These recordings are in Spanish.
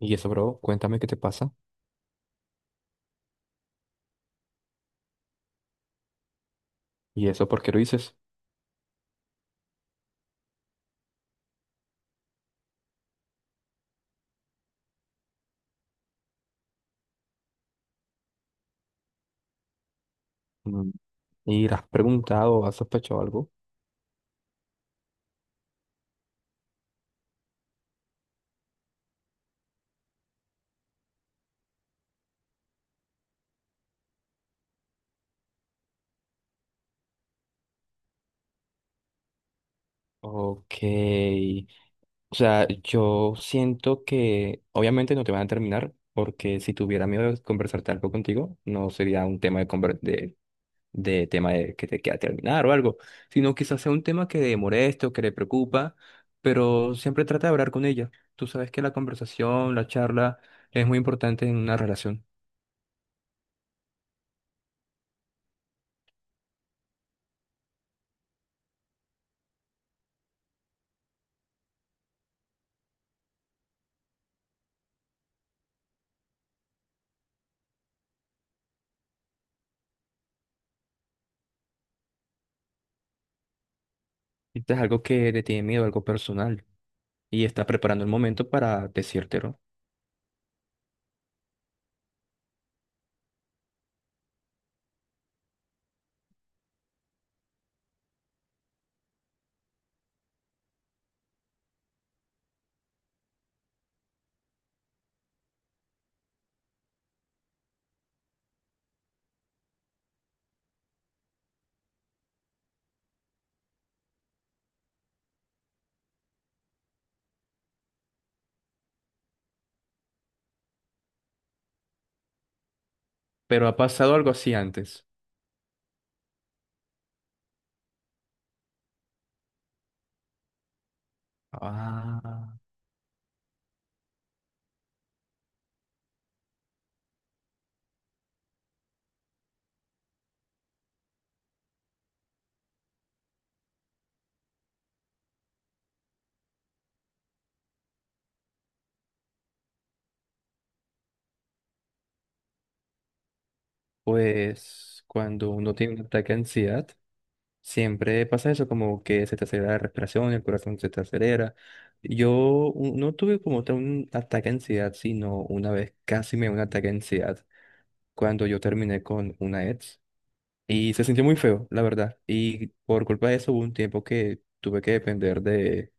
Y eso, bro, cuéntame qué te pasa. ¿Y eso por qué lo dices? Mm, ¿y le has preguntado o has sospechado algo? Ok. O sea, yo siento que obviamente no te van a terminar, porque si tuviera miedo de conversarte algo contigo, no sería un tema de, de tema de que te queda terminar o algo, sino quizás sea un tema que le moleste o que le preocupa, pero siempre trata de hablar con ella. Tú sabes que la conversación, la charla es muy importante en una relación. Esto es algo que le tiene miedo, algo personal, y está preparando el momento para decírtelo. Pero ha pasado algo así antes. Ah. Pues cuando uno tiene un ataque de ansiedad, siempre pasa eso, como que se te acelera la respiración, el corazón se te acelera. Yo no tuve como tal un ataque de ansiedad, sino una vez casi me dio un ataque de ansiedad cuando yo terminé con una ex y se sintió muy feo, la verdad. Y por culpa de eso hubo un tiempo que tuve que depender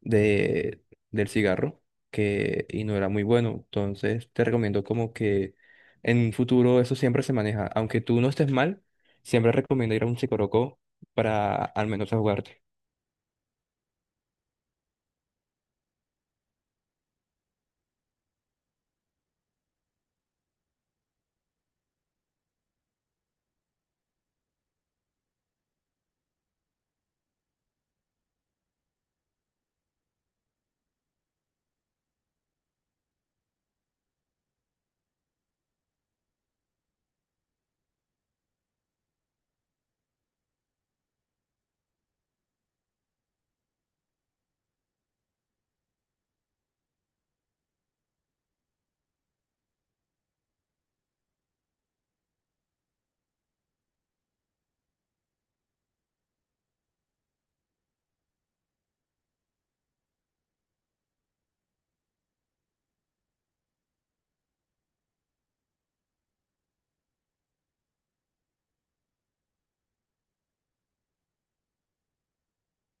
de, del cigarro que, y no era muy bueno. Entonces te recomiendo como que en un futuro eso siempre se maneja. Aunque tú no estés mal, siempre recomiendo ir a un psicólogo para al menos jugarte.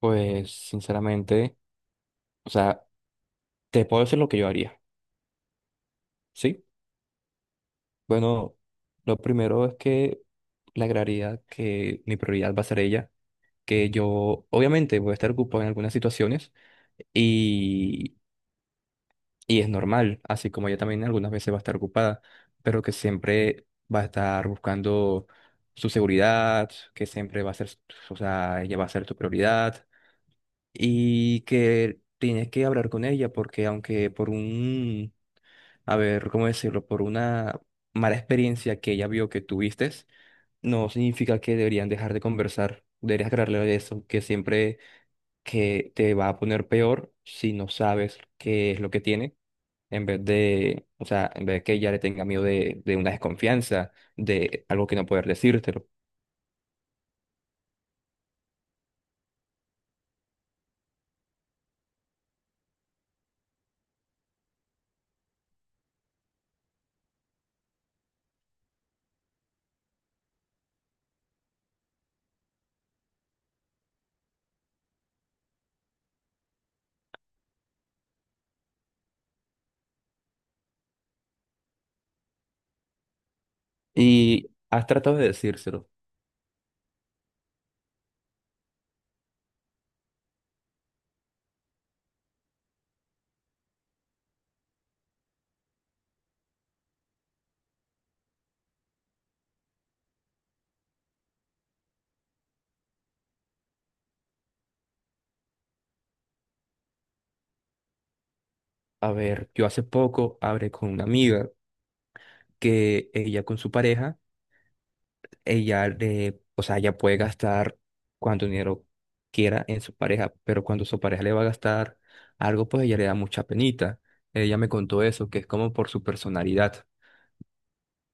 Pues sinceramente, o sea, te puedo decir lo que yo haría, ¿sí? Bueno, lo primero es que le agregaría que mi prioridad va a ser ella, que yo obviamente voy a estar ocupado en algunas situaciones. Y es normal, así como ella también algunas veces va a estar ocupada, pero que siempre va a estar buscando su seguridad, que siempre va a ser, o sea, ella va a ser tu prioridad y que tienes que hablar con ella porque aunque por un, a ver, ¿cómo decirlo? Por una mala experiencia que ella vio que tuviste, no significa que deberían dejar de conversar. Deberías aclararle de eso, que siempre que te va a poner peor si no sabes qué es lo que tiene, en vez de, o sea, en vez de que ella le tenga miedo de una desconfianza, de algo que no poder decírtelo. Y has tratado de decírselo. A ver, yo hace poco hablé con una amiga que ella con su pareja, ella le, o sea, ella puede gastar cuánto dinero quiera en su pareja, pero cuando su pareja le va a gastar algo, pues ella le da mucha penita. Ella me contó eso, que es como por su personalidad.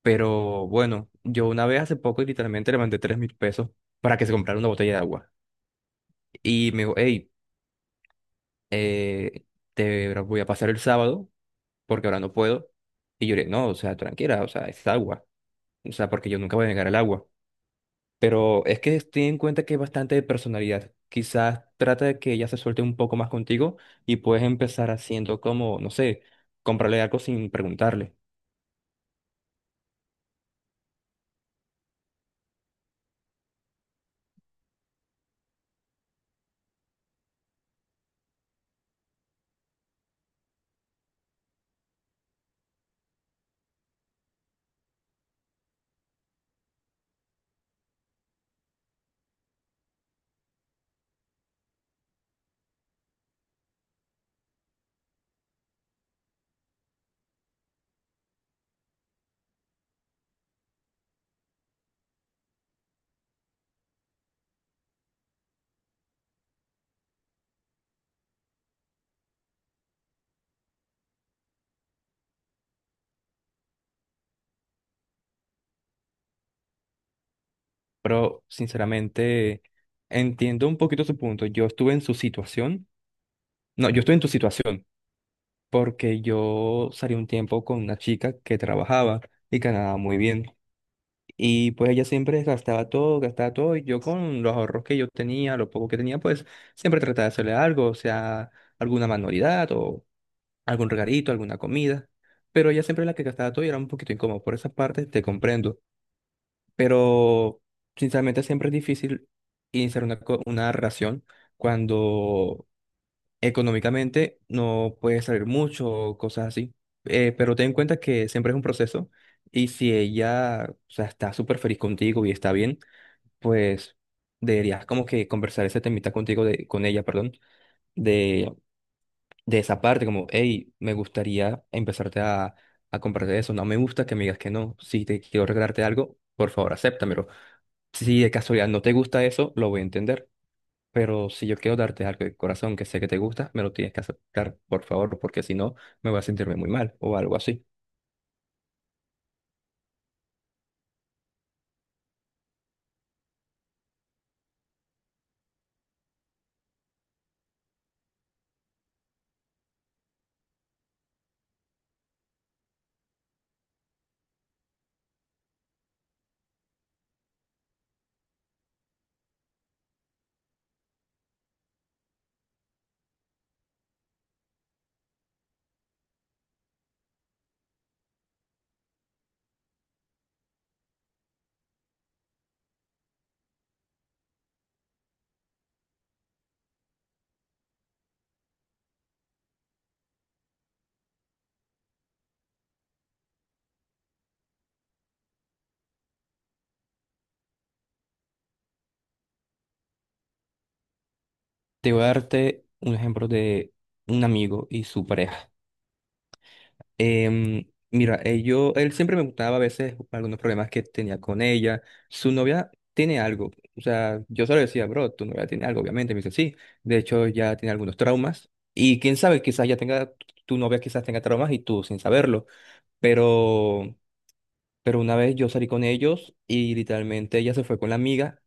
Pero bueno, yo una vez hace poco literalmente le mandé 3.000 pesos para que se comprara una botella de agua. Y me dijo, hey, eh, te voy a pasar el sábado porque ahora no puedo. Y yo le dije, no, o sea, tranquila, o sea, es agua. O sea, porque yo nunca voy a negar el agua. Pero es que ten en cuenta que es bastante de personalidad. Quizás trata de que ella se suelte un poco más contigo y puedes empezar haciendo como, no sé, comprarle algo sin preguntarle. Pero sinceramente... Entiendo un poquito su punto. Yo estuve en su situación. No, yo estoy en tu situación, porque yo salí un tiempo con una chica que trabajaba y ganaba muy bien. Y pues ella siempre gastaba todo, y yo con los ahorros que yo tenía, lo poco que tenía, pues siempre trataba de hacerle algo, o sea, alguna manualidad o algún regalito, alguna comida. Pero ella siempre era la que gastaba todo y era un poquito incómodo. Por esa parte te comprendo. Pero sinceramente siempre es difícil iniciar una, una relación cuando económicamente no puede salir mucho o cosas así. Pero ten en cuenta que siempre es un proceso y si ella, o sea, está súper feliz contigo y está bien, pues deberías como que conversar ese temita contigo, de, con ella, perdón, de, de esa parte, como, hey, me gustaría a comprarte eso, no me gusta que me digas que no, si te quiero regalarte algo, por favor, acéptamelo. Si de casualidad no te gusta eso, lo voy a entender. Pero si yo quiero darte algo de corazón que sé que te gusta, me lo tienes que aceptar, por favor, porque si no, me voy a sentirme muy mal o algo así. Te voy a darte un ejemplo de un amigo y su pareja. Em, mira, él siempre me contaba a veces algunos problemas que tenía con ella. Su novia tiene algo. O sea, yo solo decía, bro, tu novia tiene algo, obviamente. Me dice, sí. De hecho, ya tiene algunos traumas. Y quién sabe, quizás ya tenga, tu novia quizás tenga traumas y tú sin saberlo. Pero Pero una vez yo salí con ellos y literalmente ella se fue con la amiga,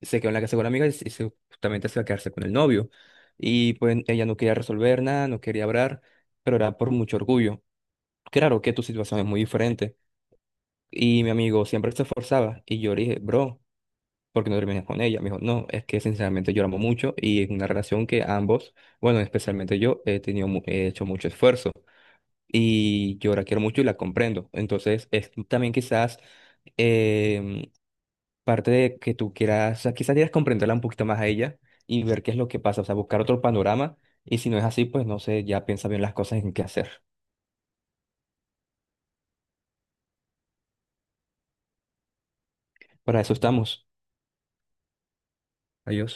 se quedó en la casa con la amiga y justamente se iba a quedarse con el novio. Y pues ella no quería resolver nada, no quería hablar, pero era por mucho orgullo. Claro que tu situación es muy diferente. Y mi amigo siempre se esforzaba y yo le dije, bro, ¿por qué no terminas con ella? Me dijo, no, es que sinceramente lloramos mucho y es una relación que ambos, bueno, especialmente yo, he tenido, he hecho mucho esfuerzo y yo la quiero mucho y la comprendo. Entonces es también quizás... em, parte de que tú quieras, o sea, quizás quieras comprenderla un poquito más a ella y ver qué es lo que pasa, o sea, buscar otro panorama y si no es así, pues no sé, ya piensa bien las cosas en qué hacer. Para eso estamos. Adiós.